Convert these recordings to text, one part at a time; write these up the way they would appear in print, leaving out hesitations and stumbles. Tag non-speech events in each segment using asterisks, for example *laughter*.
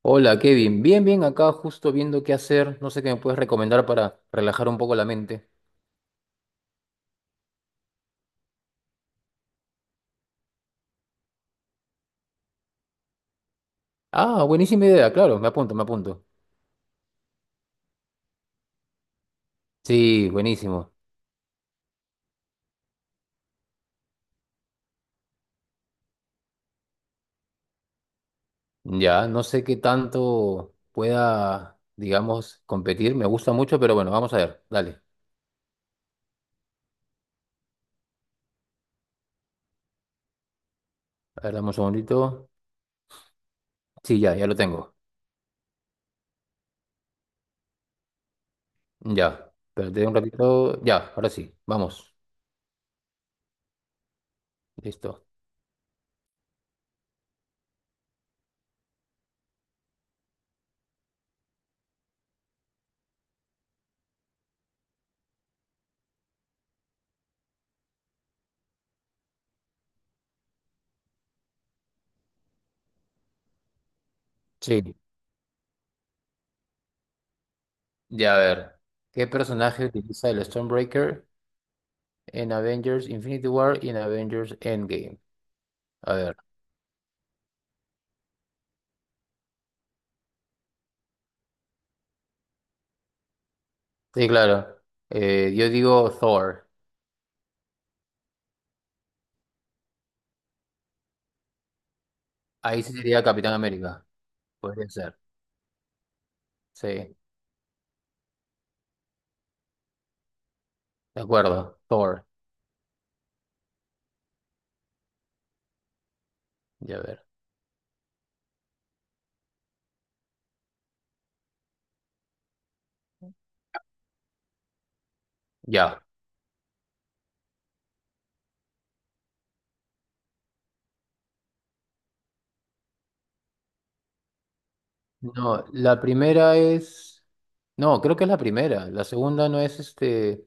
Hola Kevin, bien, bien, acá justo viendo qué hacer, no sé qué me puedes recomendar para relajar un poco la mente. Ah, buenísima idea, claro, me apunto, me apunto. Sí, buenísimo. Ya, no sé qué tanto pueda, digamos, competir, me gusta mucho, pero bueno, vamos a ver, dale. A ver, dame un segundito. Sí, ya, ya lo tengo. Ya, espérate un ratito. Ya, ahora sí, vamos. Listo. Sí, ya a ver. ¿Qué personaje utiliza el Stormbreaker en Avengers Infinity War y en Avengers Endgame? A ver. Sí, claro. Yo digo Thor. Ahí sí sería Capitán América. Podría ser. Sí, de acuerdo. Thor. Ya ver. Ya. No, la primera es. No, creo que es la primera. La segunda no es este.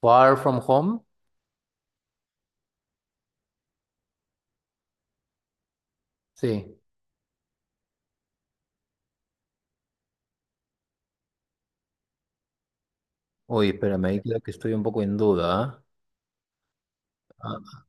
Far From Home. Sí. Uy, espérame, ahí creo que estoy un poco en duda. ¿Ah? Ah,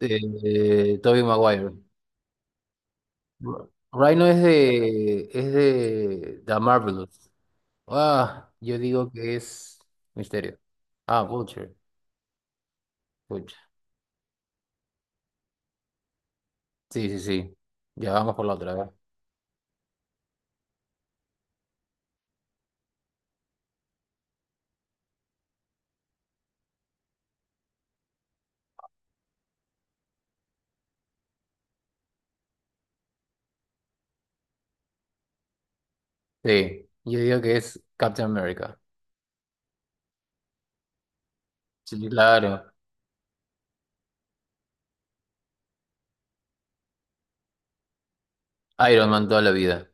Tobey Maguire. Rhino es de. Es de. The Marvelous. Ah, yo digo que es. Misterio. Ah, Vulture. Sí, sí, sí. Ya vamos por la otra, a ver. Sí, yo digo que es Captain America. Sí, claro. Iron Man toda la vida.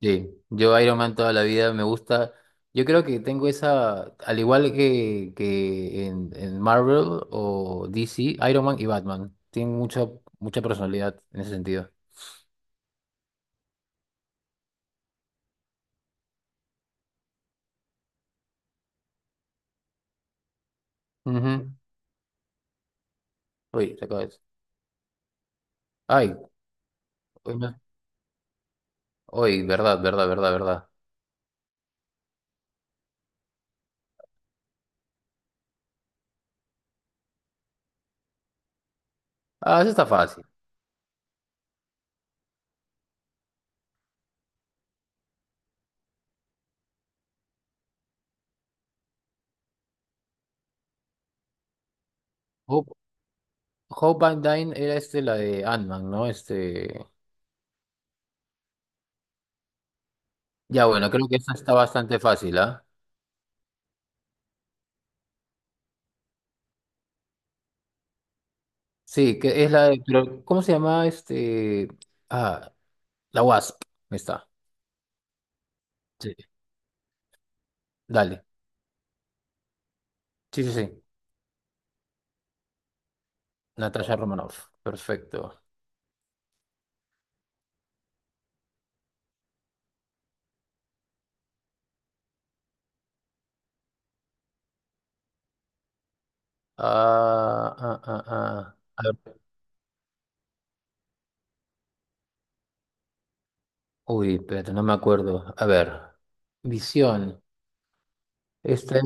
Sí, yo Iron Man toda la vida me gusta. Yo creo que tengo esa, al igual que, que en Marvel o DC, Iron Man y Batman. Tienen mucha, mucha personalidad en ese sentido. Ujú. Uy, se acaba eso. Ay, hoy, no- hoy, verdad, verdad, verdad, verdad. Ah, eso está fácil. Hope, Hope Van Dyne era este, la de Ant-Man, ¿no? Este. Ya, bueno, creo que esa está bastante fácil, ¿ah? Sí, que es la de, pero, ¿cómo se llama este? Ah, la Wasp. Ahí está. Sí. Dale. Sí, sí, sí. Natasha Romanoff. Perfecto. Ah, ah, ah, ah. A ver. Uy, espérate, no me acuerdo. A ver. Visión. Esta es,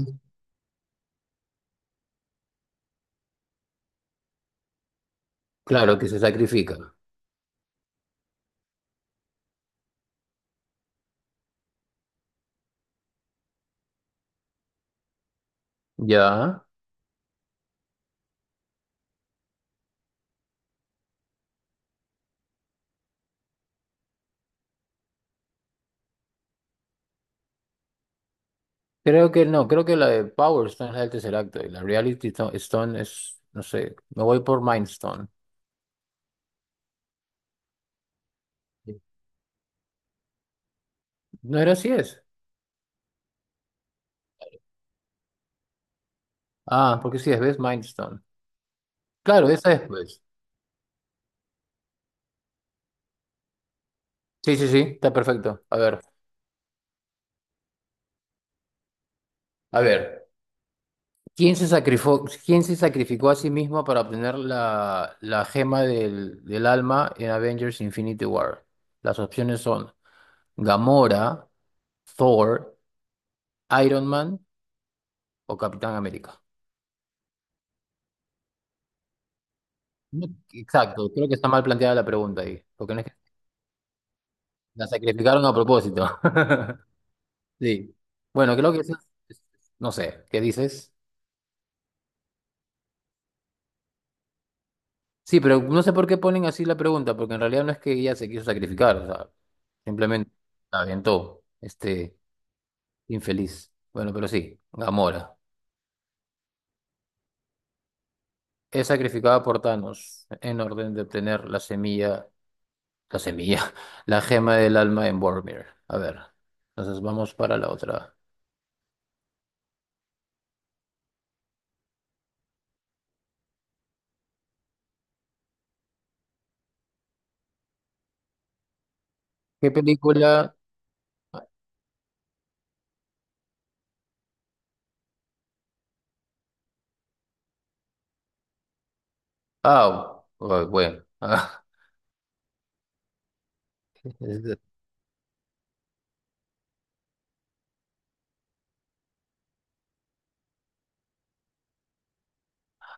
claro, que se sacrifica. Ya. Creo que no, creo que la de Power Stone es la del Tesseract y la Reality Stone es, no sé, me voy por Mind Stone. ¿No era así es? Ah, porque sí es Best Milestone. Claro, esa es pues. Sí, sí, sí, está perfecto. A ver. Quién se sacrificó a sí mismo para obtener la gema del alma en Avengers Infinity War? Las opciones son Gamora, Thor, Iron Man o Capitán América. No, exacto, creo que está mal planteada la pregunta ahí, porque no es que la sacrificaron a propósito. *laughs* Sí. Bueno, creo que eso es- no sé, ¿qué dices? Sí, pero no sé por qué ponen así la pregunta, porque en realidad no es que ella se quiso sacrificar, o sea, simplemente la aventó, este infeliz. Bueno, pero sí, Gamora es sacrificada por Thanos en orden de obtener la semilla, la semilla, *laughs* la gema del alma en Vormir. A ver, entonces vamos para la otra. ¿Qué película? Ah, oh, bueno. *laughs*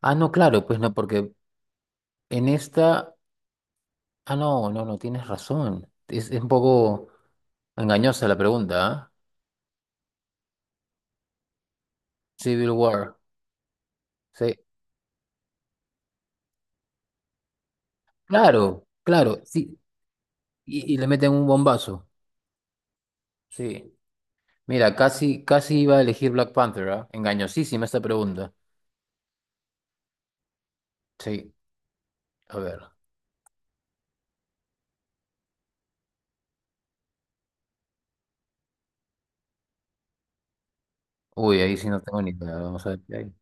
Ah, no, claro, pues no, porque en esta Ah, no, no, no, tienes razón. Es un poco engañosa la pregunta, ¿ah? Civil War. Sí. Claro, claro, sí. Y le meten un bombazo. Sí. Mira, casi, casi iba a elegir Black Panther, ¿ah? Engañosísima esta pregunta. Sí. A ver. Uy, ahí sí no tengo ni idea. Vamos a ver qué hay.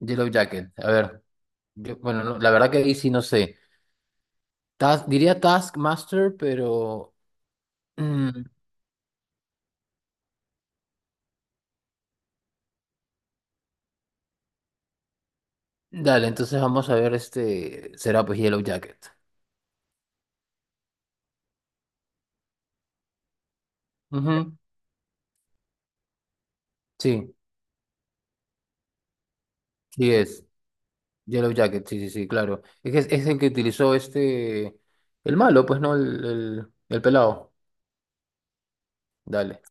Yellow Jacket. A ver. Bueno, no, la verdad que ahí sí no sé. Diría Taskmaster, pero. Mm, dale, entonces vamos a ver este. Será pues Yellow Jacket. Ujú, sí. Sí es, Yellow Jacket, sí, sí, sí, claro. Es, que es el que utilizó este, el malo, pues, ¿no? El pelado. Dale,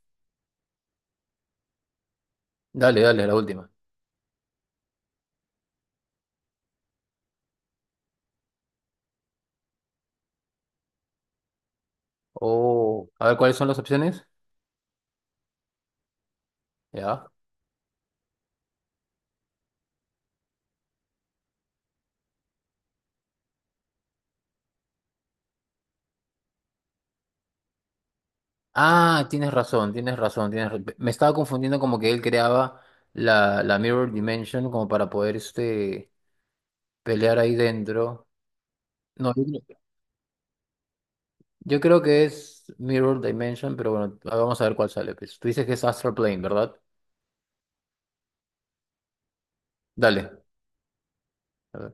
dale, dale, la última. Oh, a ver, ¿cuáles son las opciones? Ya. Ah, tienes razón, me estaba confundiendo como que él creaba la, la Mirror Dimension como para poder, este, pelear ahí dentro. No, yo creo que es Mirror Dimension, pero bueno, vamos a ver cuál sale, pues. Tú dices que es Astral Plane, ¿verdad? Dale. A ver.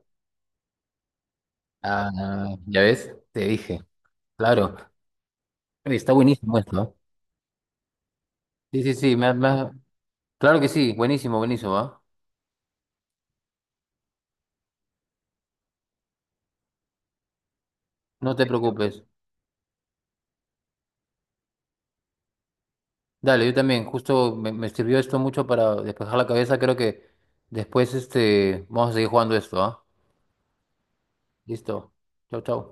Ah, ya ves, te dije, claro. Oye, está buenísimo esto, ¿eh? Sí, sí, sí, claro que sí, buenísimo, buenísimo, ¿ah? No te preocupes. Dale, yo también, justo me sirvió esto mucho para despejar la cabeza, creo que después este, vamos a seguir jugando esto, ¿ah? Listo. Chau, chau.